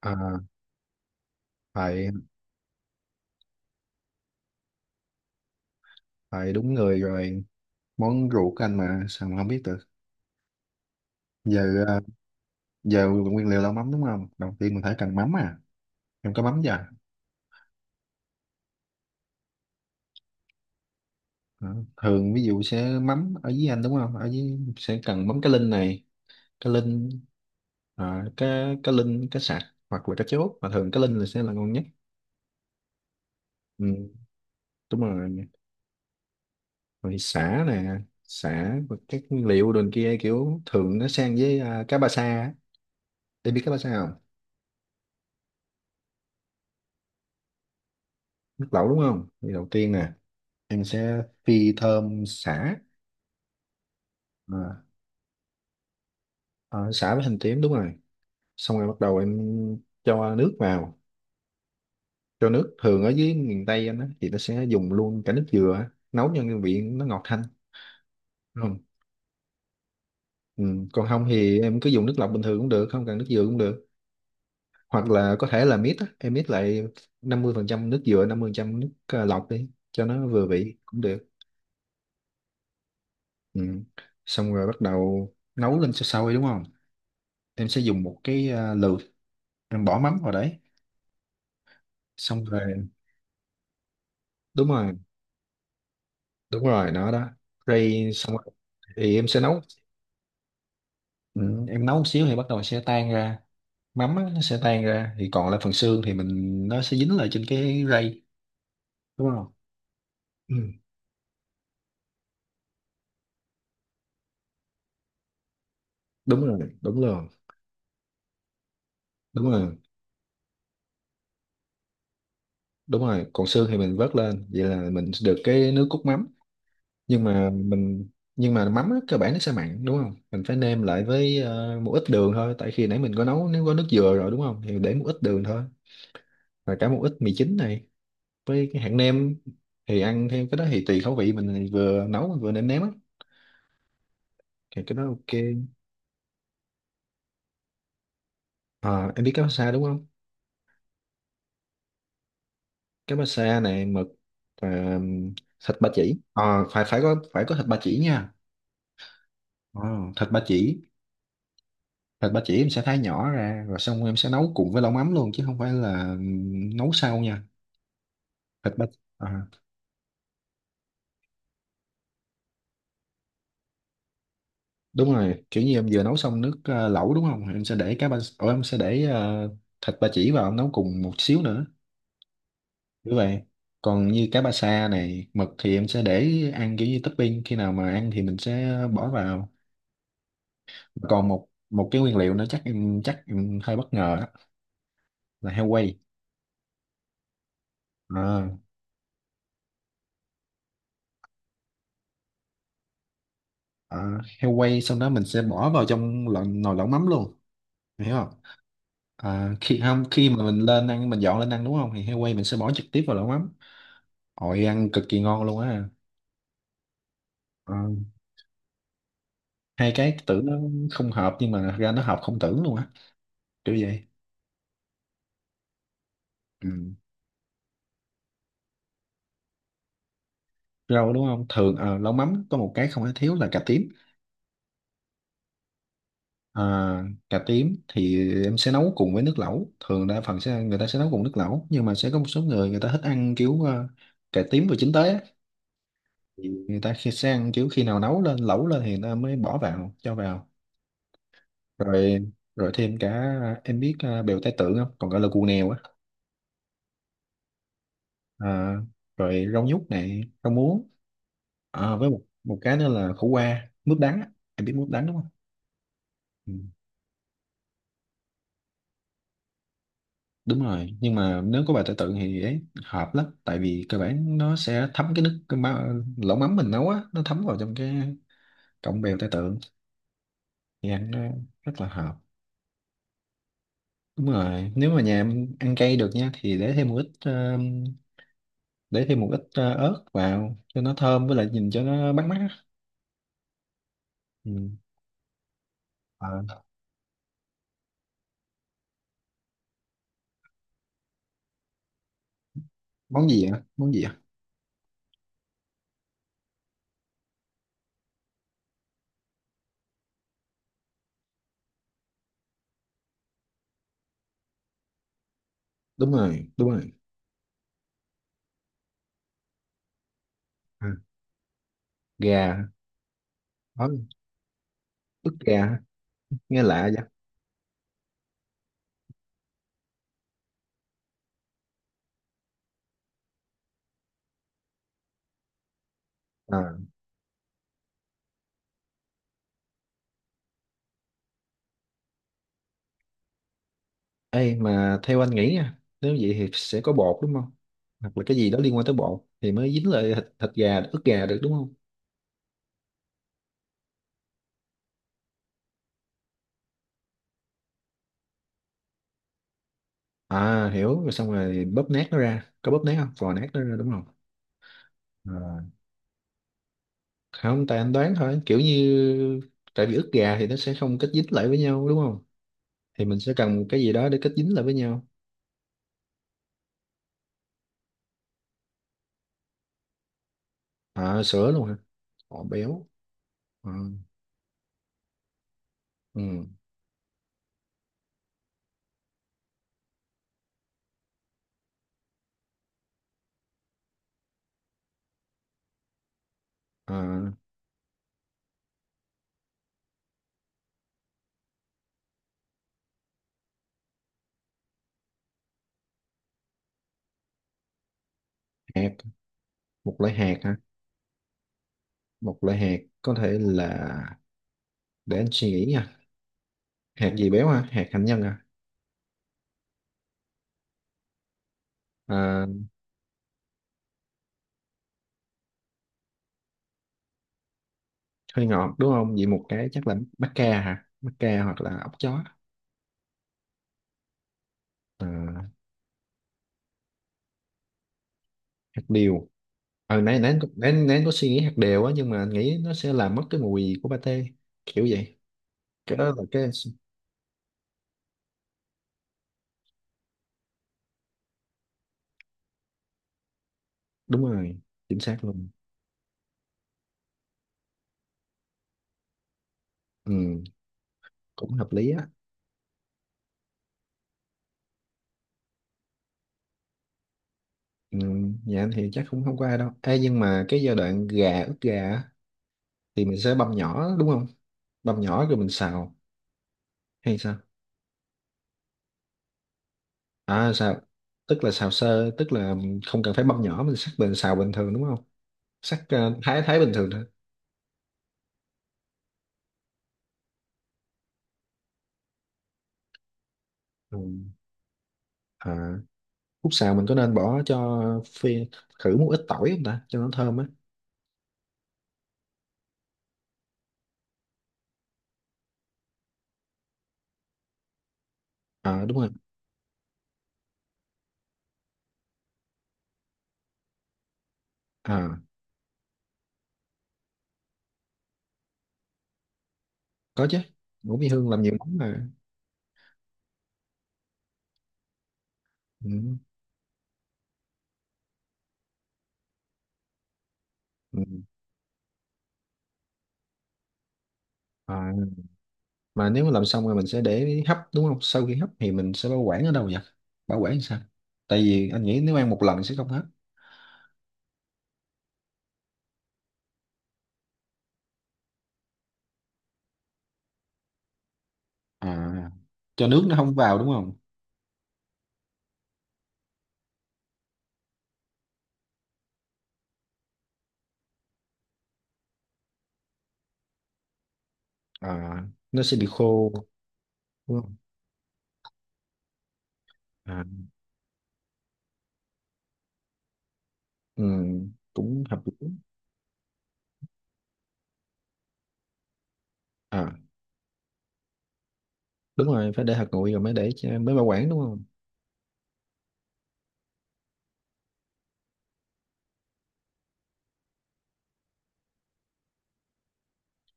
À, phải phải đúng người rồi, món ruột của anh mà sao mà không biết được giờ. Giờ nguyên liệu là mắm đúng không? Đầu tiên mình phải cần mắm, à em có mắm chưa? Đó, thường ví dụ sẽ mắm ở dưới anh đúng không, ở dưới sẽ cần mắm cá linh này, cá linh. À, cá Cá linh, cá sặc hoặc là cá chốt, mà thường cá linh là sẽ là ngon nhất. ừ, Đúng rồi. Rồi sả nè, sả và các nguyên liệu đường kia, kiểu thường nó sang với cá ba sa á. Em biết cá ba sa không? Nước lẩu đúng không, thì đầu tiên nè em sẽ phi thơm sả. à, Sả với hành tím đúng rồi. Xong rồi bắt đầu em cho nước vào. Cho nước thường ở dưới miền Tây anh á thì nó sẽ dùng luôn cả nước dừa á, nấu cho cái vị nó ngọt thanh đúng không. Ừ, còn không thì em cứ dùng nước lọc bình thường cũng được, không cần nước dừa cũng được. Hoặc là có thể là mix á, em mix lại 50% nước dừa 50% nước lọc đi cho nó vừa vị cũng được. Ừ, xong rồi bắt đầu nấu lên sôi sôi đúng không, em sẽ dùng một cái lược, em bỏ mắm vào đấy xong rồi. Đúng rồi đúng rồi, nó đó. Rồi xong rồi, thì em sẽ nấu. Ừ, em nấu một xíu thì bắt đầu sẽ tan ra, mắm á, nó sẽ tan ra thì còn lại phần xương thì mình nó sẽ dính lại trên cái rây đúng không. Ừ, đúng rồi đúng rồi. Đúng rồi đúng rồi, còn xương thì mình vớt lên, vậy là mình được cái nước cốt mắm. Nhưng mà mình, nhưng mà mắm á, cơ bản nó sẽ mặn đúng không, mình phải nêm lại với một ít đường thôi, tại khi nãy mình có nấu nếu có nước dừa rồi đúng không thì để một ít đường thôi, và cả một ít mì chính này với cái hạt nêm. Thì ăn theo cái đó thì tùy khẩu vị mình, thì vừa nấu mà vừa nêm nếm á, thì cái đó ok. À, em biết cá bá sa đúng không. Cá bá sa này, mực, và um, thịt ba chỉ. Ờ, phải phải có thịt ba chỉ nha. Ờ, thịt ba chỉ thịt ba chỉ em sẽ thái nhỏ ra rồi xong em sẽ nấu cùng với lẩu mắm luôn, chứ không phải là nấu sau nha. Thịt ba Ờ, đúng rồi, kiểu như em vừa nấu xong nước lẩu đúng không, em sẽ để cá ba. Ủa, em sẽ để thịt ba chỉ vào nấu cùng một xíu nữa. Đúng vậy. Còn như cá ba sa này, mực thì em sẽ để ăn kiểu như topping, khi nào mà ăn thì mình sẽ bỏ vào. Còn một một cái nguyên liệu nữa chắc em hơi bất ngờ á, là heo quay. À, Heo quay xong đó mình sẽ bỏ vào trong lò, nồi lẩu mắm luôn. Em hiểu không? À, khi không khi mà mình lên ăn mình dọn lên ăn đúng không thì heo quay mình sẽ bỏ trực tiếp vào lẩu mắm. Ôi ăn cực kỳ ngon luôn á. Ờ, hai cái tưởng nó không hợp nhưng mà thật ra nó hợp không tưởng luôn á, kiểu vậy. Ừ. Rau đúng không, thường lẩu mắm có một cái không thể thiếu là cà tím. À, cà tím thì em sẽ nấu cùng với nước lẩu, thường đa phần sẽ người ta sẽ nấu cùng nước lẩu, nhưng mà sẽ có một số người người ta thích ăn kiểu cà tím vừa chín tới á. Thì người ta khi sẽ ăn kiểu khi nào nấu lên lẩu lên thì người ta mới bỏ vào cho vào. Rồi, rồi thêm cả, em biết bèo tai tượng không, còn gọi là cù nèo á. À, rồi rau nhút này, rau muống. À, với một một cái nữa là khổ qua, mướp đắng á. Em biết mướp đắng đúng không. Ừ. Đúng rồi, nhưng mà nếu có bài tự tự thì ấy hợp lắm, tại vì cơ bản nó sẽ thấm cái nước cái ma, lẩu mắm mình nấu á nó thấm vào trong cái cọng bèo tai tượng thì ăn nó rất là hợp. Đúng rồi, nếu mà nhà em ăn cay được nha thì để thêm một ít ớt vào cho nó thơm với lại nhìn cho nó bắt mắt á. Ừ. À, món gì ạ? Món gì ạ? Đúng rồi, đúng rồi. À, gà, đó, ức gà nghe lạ vậy. Ờ. Ê, mà theo anh nghĩ nha, nếu vậy thì sẽ có bột đúng không? Hoặc là cái gì đó liên quan tới bột thì mới dính lại thịt, thịt gà, ức gà được đúng không? À hiểu, rồi xong rồi bóp nát nó ra. Có bóp nát không? Vò nát nó ra đúng không? À, không, tại anh đoán thôi. Kiểu như tại vì ức gà thì nó sẽ không kết dính lại với nhau đúng không? Thì mình sẽ cần một cái gì đó để kết dính lại với nhau. À sữa luôn hả? Ồ béo. À, ừ. À, hạt, một loại hạt hả? Một loại hạt có thể là, để anh suy nghĩ nha, hạt gì béo ha, hạt hạnh nhân à. Ờ, hơi ngọt đúng không, vậy một cái chắc là bắp ca hả, bắp ca hoặc là ốc chó. Ờ, hạt điều. Ờ nãy nãy anh có- nãy nãy anh có suy nghĩ hạt điều á nhưng mà anh nghĩ nó sẽ làm mất cái mùi của pate, kiểu vậy. Cái đó là cái đúng rồi, chính xác luôn. Ừ, cũng hợp lý á. Ừ, nhà anh thì chắc cũng không có ai đâu. Ê, nhưng mà cái giai đoạn gà ướp gà á, thì mình sẽ băm nhỏ đúng không, băm nhỏ rồi mình xào hay sao? À sao? Tức là xào sơ, tức là không cần phải băm nhỏ, mình sắc bình xào bình thường đúng không? Sắc thái thái bình thường thôi. Ừ. À, khúc xào mình có nên bỏ cho phi khử một ít tỏi không ta, cho nó thơm á. À đúng rồi. À có chứ. Ngũ Mỹ Hương làm nhiều món mà. Ừ. Ừ. À, mà nếu mà làm xong rồi mình sẽ để hấp đúng không? Sau khi hấp thì mình sẽ bảo quản ở đâu vậy? Bảo quản sao? Tại vì anh nghĩ nếu ăn một lần sẽ không hết. À cho nước nó không vào đúng không? À nó sẽ bị khô đúng không? À. Ừ, cũng hợp lý. À đúng rồi, phải để hạt nguội rồi mới để cho- mới bảo quản đúng không.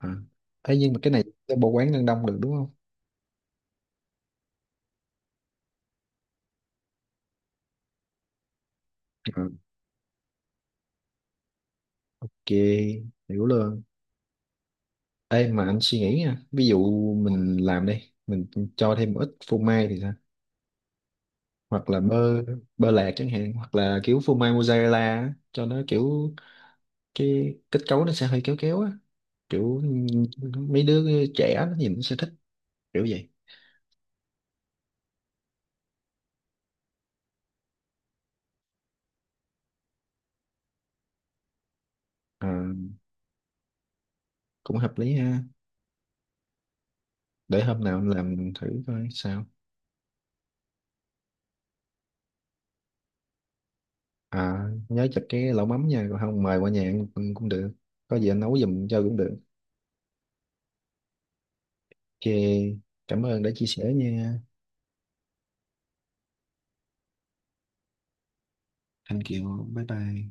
À ấy, nhưng mà cái này để bảo quản ngăn đông được đúng không. À, ok, hiểu luôn. Ê mà anh suy nghĩ nha, ví dụ mình làm đi, mình cho thêm một ít phô mai thì sao, hoặc là bơ, bơ lạc chẳng hạn, hoặc là kiểu phô mai mozzarella á, cho nó kiểu cái kết cấu nó sẽ hơi kéo kéo á, kiểu mấy đứa trẻ nó nhìn nó sẽ thích, kiểu vậy. À, cũng hợp lý ha, để hôm nào anh làm thử coi sao. À, nhớ chặt cái lẩu mắm nha, còn không mời qua nhà ăn cũng, cũng được. Có gì anh nấu giùm cho cũng được. Ok, cảm ơn đã chia sẻ nha. Thanh Kiều, bye bye.